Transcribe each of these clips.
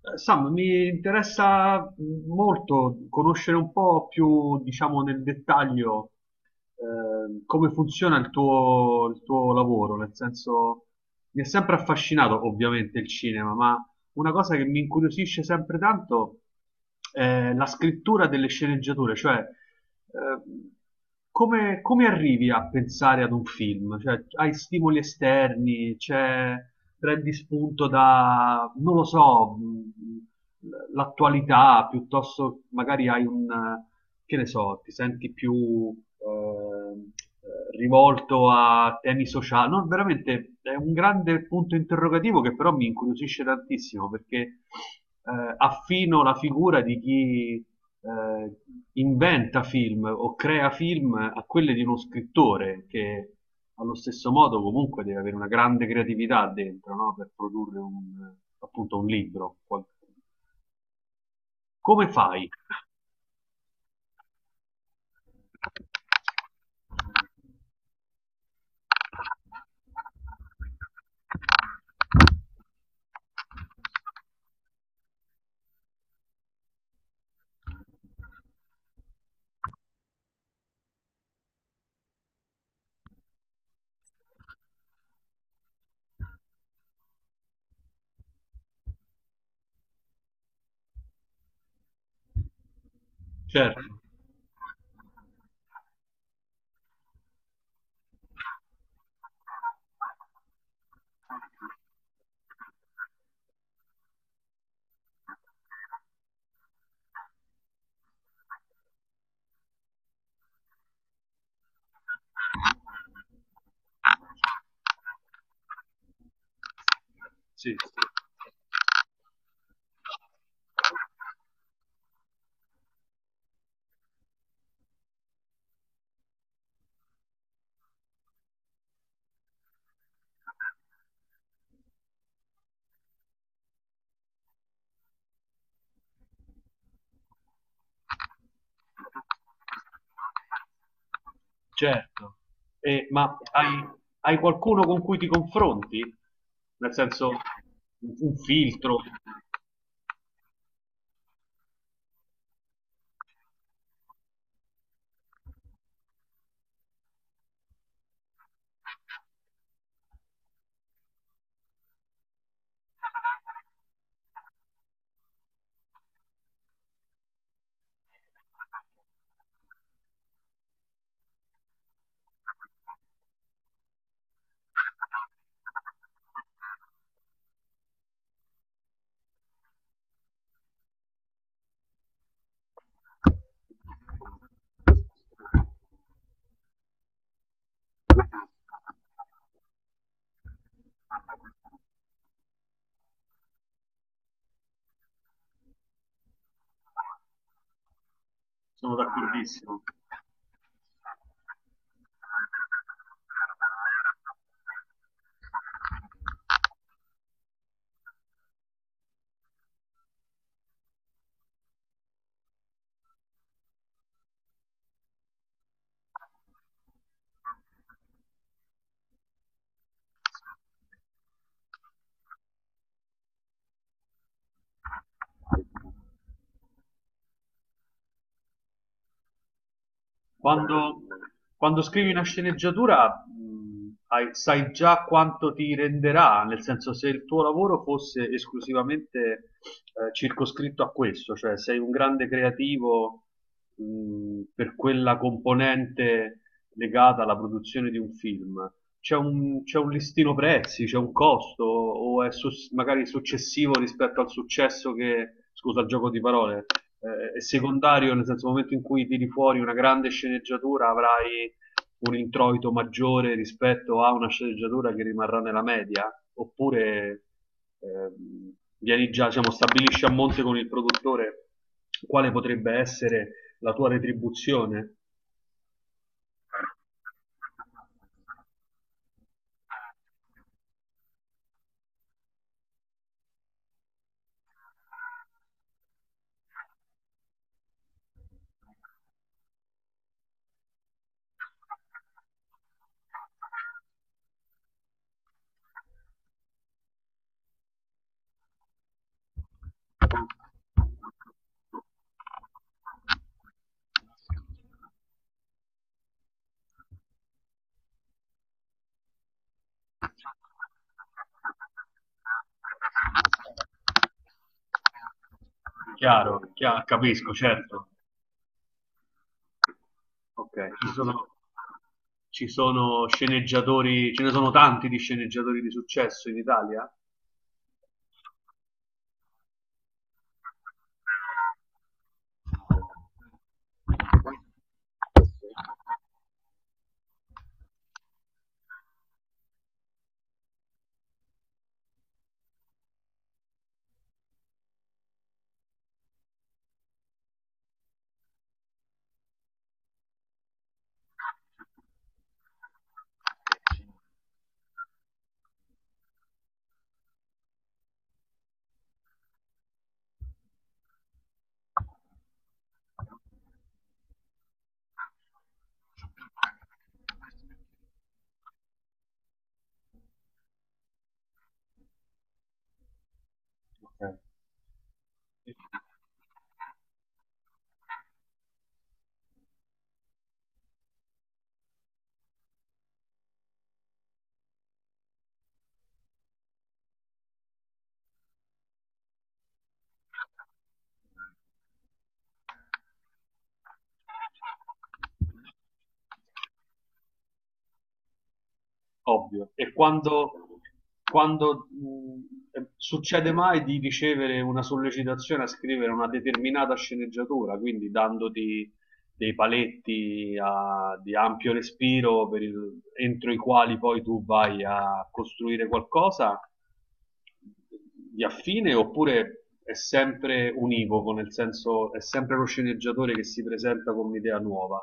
Sam, mi interessa molto conoscere un po' più, diciamo, nel dettaglio come funziona il tuo lavoro, nel senso mi è sempre affascinato ovviamente il cinema, ma una cosa che mi incuriosisce sempre tanto è la scrittura delle sceneggiature, cioè ehm, come arrivi a pensare ad un film? Cioè, hai stimoli esterni, c'è, prendi spunto da, non lo so, l'attualità, piuttosto magari hai un, che ne so, ti senti più ehm, rivolto a temi sociali. No, veramente è un grande punto interrogativo che però mi incuriosisce tantissimo perché affino la figura di chi eh, inventa film o crea film a quelle di uno scrittore che allo stesso modo comunque deve avere una grande creatività dentro, no? Per produrre un, appunto un libro. Come fai? Certo, sì. Certo. E, ma hai, hai qualcuno con cui ti confronti? Nel senso, un filtro, sono d'accordissimo. Quando, quando scrivi una sceneggiatura, sai già quanto ti renderà, nel senso se il tuo lavoro fosse esclusivamente circoscritto a questo, cioè sei un grande creativo per quella componente legata alla produzione di un film. C'è un listino prezzi, c'è un costo, o è magari successivo rispetto al successo che, scusa il gioco di parole, è secondario, nel senso nel momento in cui tiri fuori una grande sceneggiatura avrai un introito maggiore rispetto a una sceneggiatura che rimarrà nella media, oppure vieni già, diciamo, stabilisci a monte con il produttore quale potrebbe essere la tua retribuzione. Chiaro, chiaro, capisco, certo. Ok, ci sono sceneggiatori, ce ne sono tanti di sceneggiatori di successo in Italia? Ok. Ovvio. E quando succede mai di ricevere una sollecitazione a scrivere una determinata sceneggiatura, quindi dandoti dei paletti di ampio respiro per entro i quali poi tu vai a costruire qualcosa di affine, oppure è sempre univoco, nel senso è sempre lo sceneggiatore che si presenta con un'idea nuova?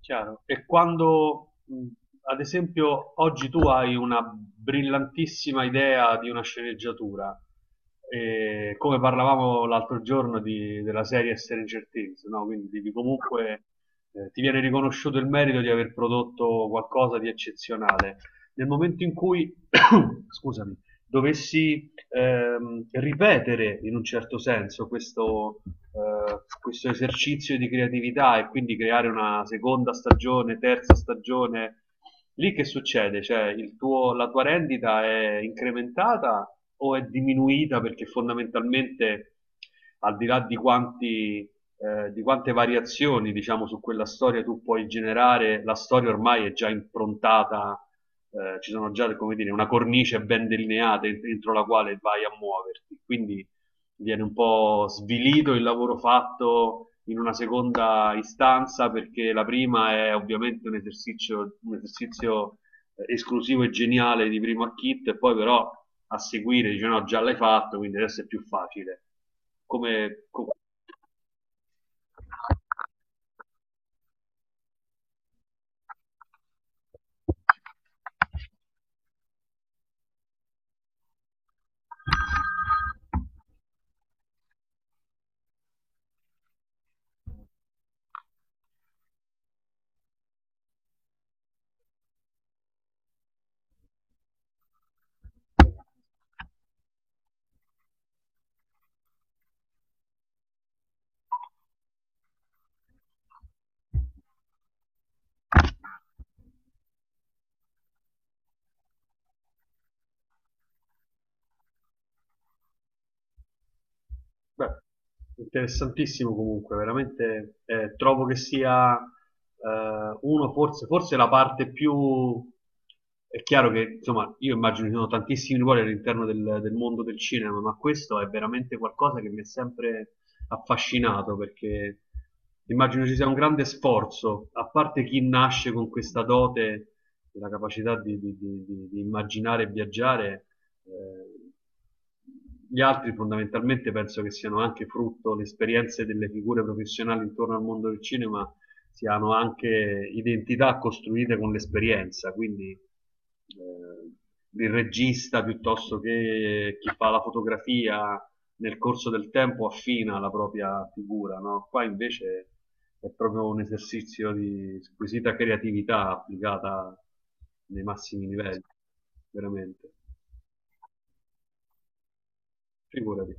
Chiaro. E quando, ad esempio, oggi tu hai una brillantissima idea di una sceneggiatura, e come parlavamo l'altro giorno della serie Stranger Things, no? Quindi devi comunque, ti viene riconosciuto il merito di aver prodotto qualcosa di eccezionale. Nel momento in cui, scusami, dovessi ripetere in un certo senso questo, questo esercizio di creatività e quindi creare una seconda stagione, terza stagione. Lì che succede? Cioè, la tua rendita è incrementata o è diminuita perché fondamentalmente, al di là di quanti, di quante variazioni, diciamo, su quella storia tu puoi generare, la storia ormai è già improntata, ci sono già come dire, una cornice ben delineata dentro la quale vai a muoverti. Quindi viene un po' svilito il lavoro fatto in una seconda istanza perché la prima è ovviamente un esercizio esclusivo e geniale di primo acchit e poi però a seguire dice no già l'hai fatto quindi adesso è più facile come, come Beh, interessantissimo comunque, veramente trovo che sia uno forse, forse la parte più... È chiaro che, insomma, io immagino ci sono tantissimi ruoli all'interno del mondo del cinema, ma questo è veramente qualcosa che mi ha sempre affascinato perché immagino ci sia un grande sforzo, a parte chi nasce con questa dote, la capacità di, di immaginare e viaggiare, eh, gli altri fondamentalmente penso che siano anche frutto le esperienze delle figure professionali intorno al mondo del cinema, siano anche identità costruite con l'esperienza, quindi il regista piuttosto che chi fa la fotografia nel corso del tempo affina la propria figura, no? Qua invece è proprio un esercizio di squisita creatività applicata nei massimi livelli, veramente. Figurati.